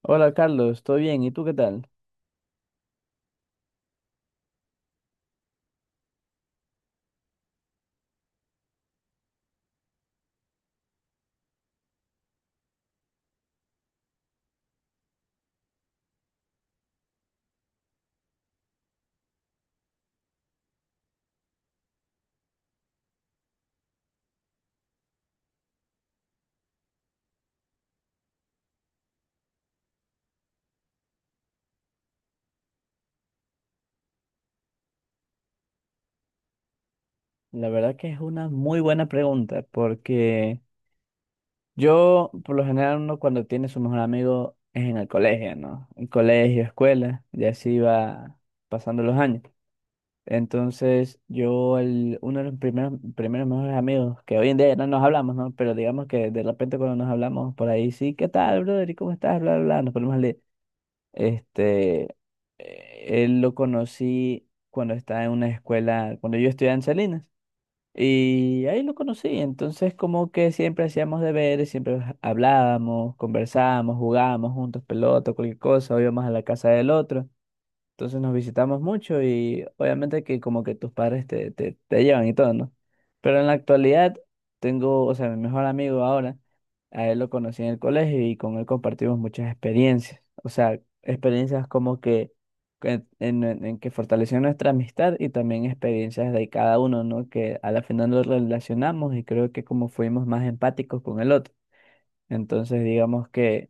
Hola Carlos, ¿estoy bien? ¿Y tú qué tal? La verdad que es una muy buena pregunta porque yo por lo general uno cuando tiene su mejor amigo es en el colegio, ¿no? En colegio, escuela, y así va pasando los años. Entonces yo, uno de los primeros mejores amigos, que hoy en día ya no nos hablamos, ¿no? Pero digamos que de repente cuando nos hablamos por ahí, sí, ¿qué tal, brother? ¿Y cómo estás? Bla, bla, bla, nos ponemos a leer. Este, él lo conocí cuando estaba en una escuela, cuando yo estudiaba en Salinas. Y ahí lo conocí. Entonces, como que siempre hacíamos deberes, siempre hablábamos, conversábamos, jugábamos juntos pelota, cualquier cosa, o íbamos a la casa del otro. Entonces nos visitamos mucho y obviamente que como que tus padres te llevan y todo, ¿no? Pero en la actualidad tengo, o sea, mi mejor amigo ahora, a él lo conocí en el colegio y con él compartimos muchas experiencias. O sea, experiencias como que en, en que fortaleció nuestra amistad y también experiencias de cada uno, ¿no? Que a la final nos relacionamos y creo que como fuimos más empáticos con el otro. Entonces, digamos que...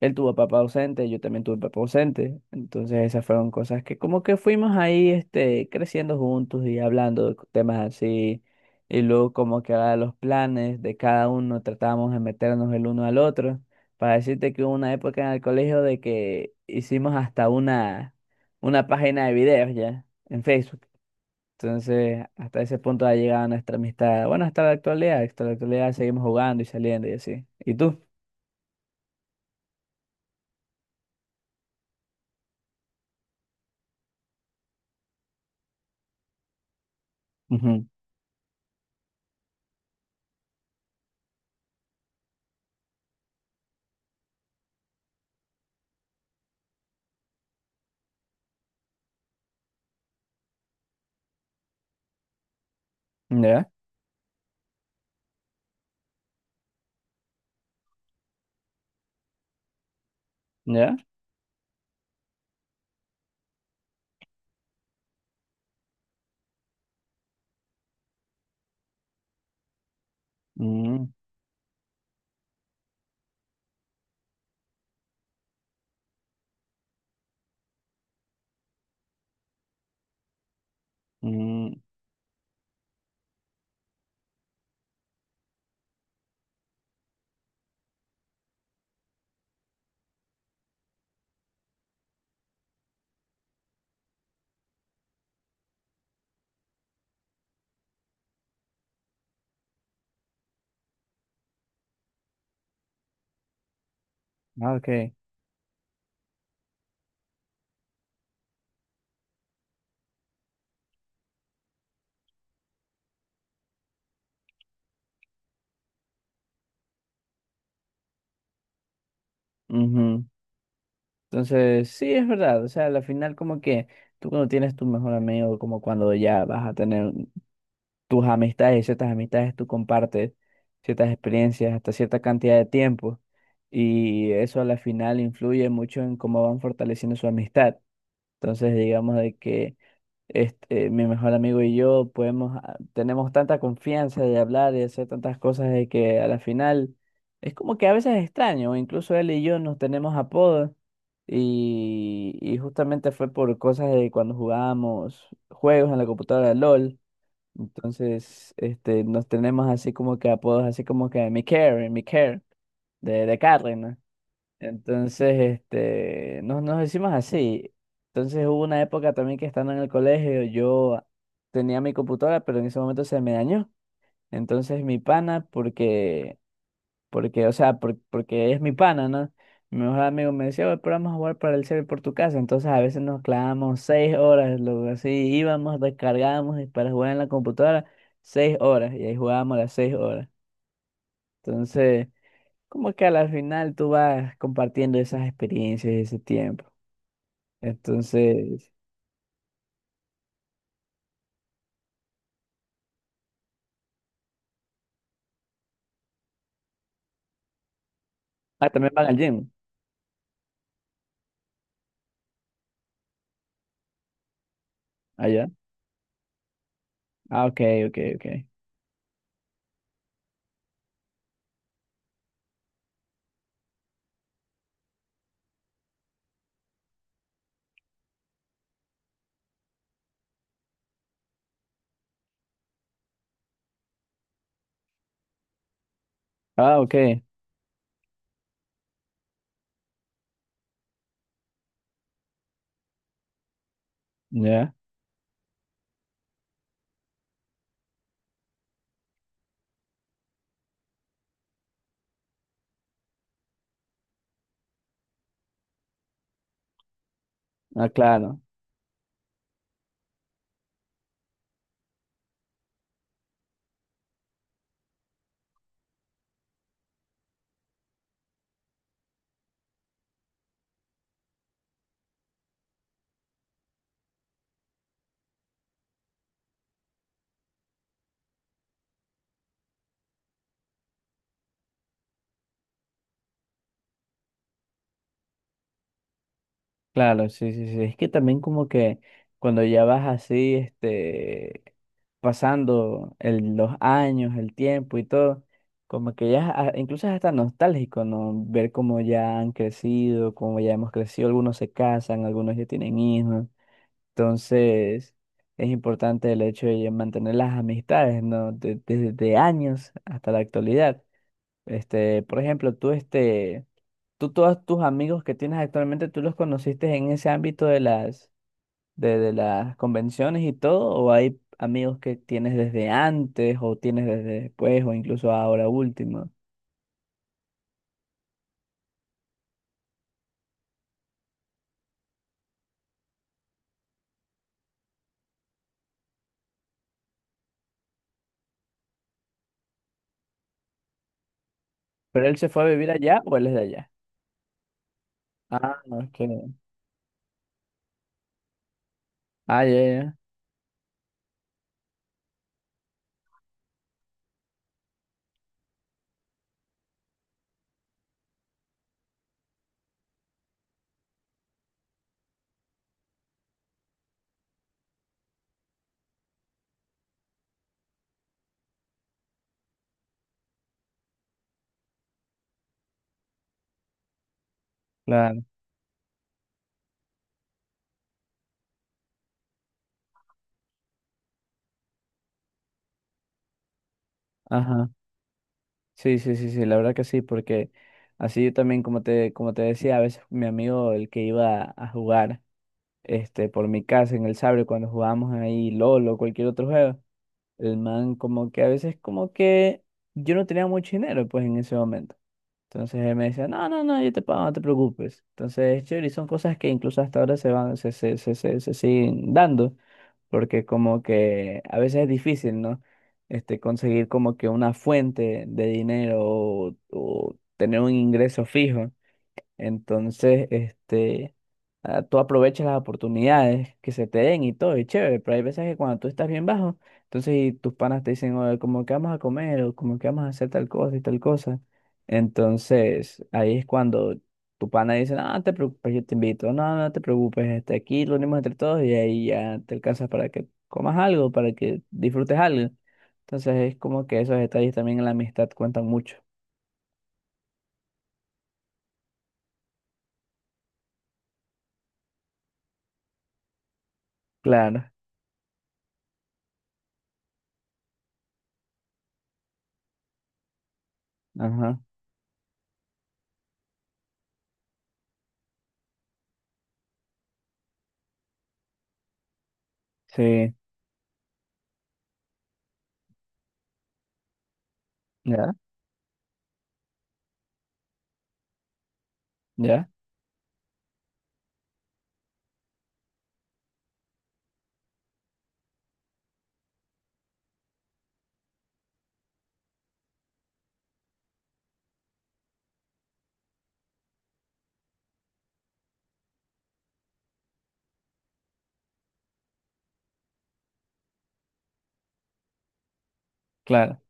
Él tuvo papá ausente, yo también tuve papá ausente. Entonces esas fueron cosas que como que fuimos ahí este, creciendo juntos y hablando de temas así. Y luego como que ahora los planes de cada uno tratábamos de meternos el uno al otro. Para decirte que hubo una época en el colegio de que hicimos hasta una página de videos ya en Facebook. Entonces hasta ese punto ha llegado nuestra amistad. Bueno, hasta la actualidad seguimos jugando y saliendo y así. ¿Y tú? Ujú. ¿Ya? ¿Ya? Mm, mm, ah, ok. Ujú. Entonces, sí, es verdad. O sea, al final como que tú cuando tienes tu mejor amigo, como cuando ya vas a tener tus amistades y ciertas amistades, tú compartes ciertas experiencias hasta cierta cantidad de tiempo. Y eso a la final influye mucho en cómo van fortaleciendo su amistad. Entonces, digamos de que este, mi mejor amigo y yo podemos, ah, tenemos tanta confianza de hablar y hacer tantas cosas de que a la final es como que a veces es extraño, incluso él y yo nos tenemos apodos y, justamente fue por cosas de cuando jugábamos juegos en la computadora LOL, entonces este, nos tenemos así como que apodos, así como que mi care, de Carry, entonces, este, nos decimos así. Entonces hubo una época también que estando en el colegio, yo tenía mi computadora, pero en ese momento se me dañó. Entonces mi pana, o sea, porque es mi pana, ¿no? Mi mejor amigo me decía, "Oye, pero vamos a jugar para el server por tu casa". Entonces a veces nos clavamos 6 horas, luego así íbamos, descargábamos y para jugar en la computadora, 6 horas, y ahí jugábamos las 6 horas. Entonces... Como que a la final tú vas compartiendo esas experiencias ese tiempo. Entonces, ah, también van al gym allá. Ah, ok, ok, ok. Ah, ok, ya. Ah, claro, claro, sí, sí, sí. Es que también como que cuando ya vas así, este, pasando los años, el tiempo y todo, como que ya, ah, incluso es hasta nostálgico, ¿no? Ver cómo ya han crecido, cómo ya hemos crecido. Algunos se casan, algunos ya tienen hijos. Entonces, es importante el hecho de mantener las amistades, ¿no? Desde de años hasta la actualidad. Este, por ejemplo, tú, este, tú todos tus amigos que tienes actualmente, ¿tú los conociste en ese ámbito de las, de las convenciones y todo? ¿O hay amigos que tienes desde antes o tienes desde después o incluso ahora último? ¿Pero él se fue a vivir allá o él es de allá? Ah, no, es que... Ah, ya, ya, claro. Ajá. Sí, sí, sí, sí, la verdad que sí, porque así yo también, como te decía, a veces mi amigo, el que iba a jugar este, por mi casa en el Sabre, cuando jugábamos ahí LOL o cualquier otro juego, el man como que a veces como que yo no tenía mucho dinero pues en ese momento. Entonces él me decía, no, no, no, yo te pago, no te preocupes. Entonces es chévere y son cosas que incluso hasta ahora se van, se siguen dando, porque como que a veces es difícil, ¿no? Este, conseguir como que una fuente de dinero o tener un ingreso fijo. Entonces, este, ah, tú aprovechas las oportunidades que se te den y todo, y chévere, pero hay veces que cuando tú estás bien bajo, entonces y tus panas te dicen, oye, como que vamos a comer, o como que vamos a hacer tal cosa y tal cosa. Entonces, ahí es cuando tu pana dice, no, no te preocupes, yo te invito, no, no te preocupes, este, aquí lo unimos entre todos y ahí ya te alcanzas para que comas algo, para que disfrutes algo. Entonces, es como que esos detalles también en la amistad cuentan mucho. Claro, ajá, sí, ya, ya. Claro.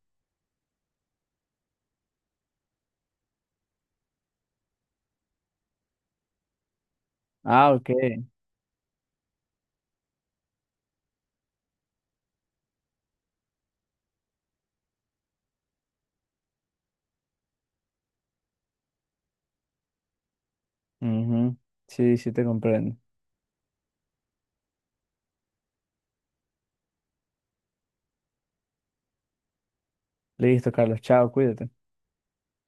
Ah, ok. Ujú. Sí, sí te comprendo. Listo, Carlos. Chao, cuídate.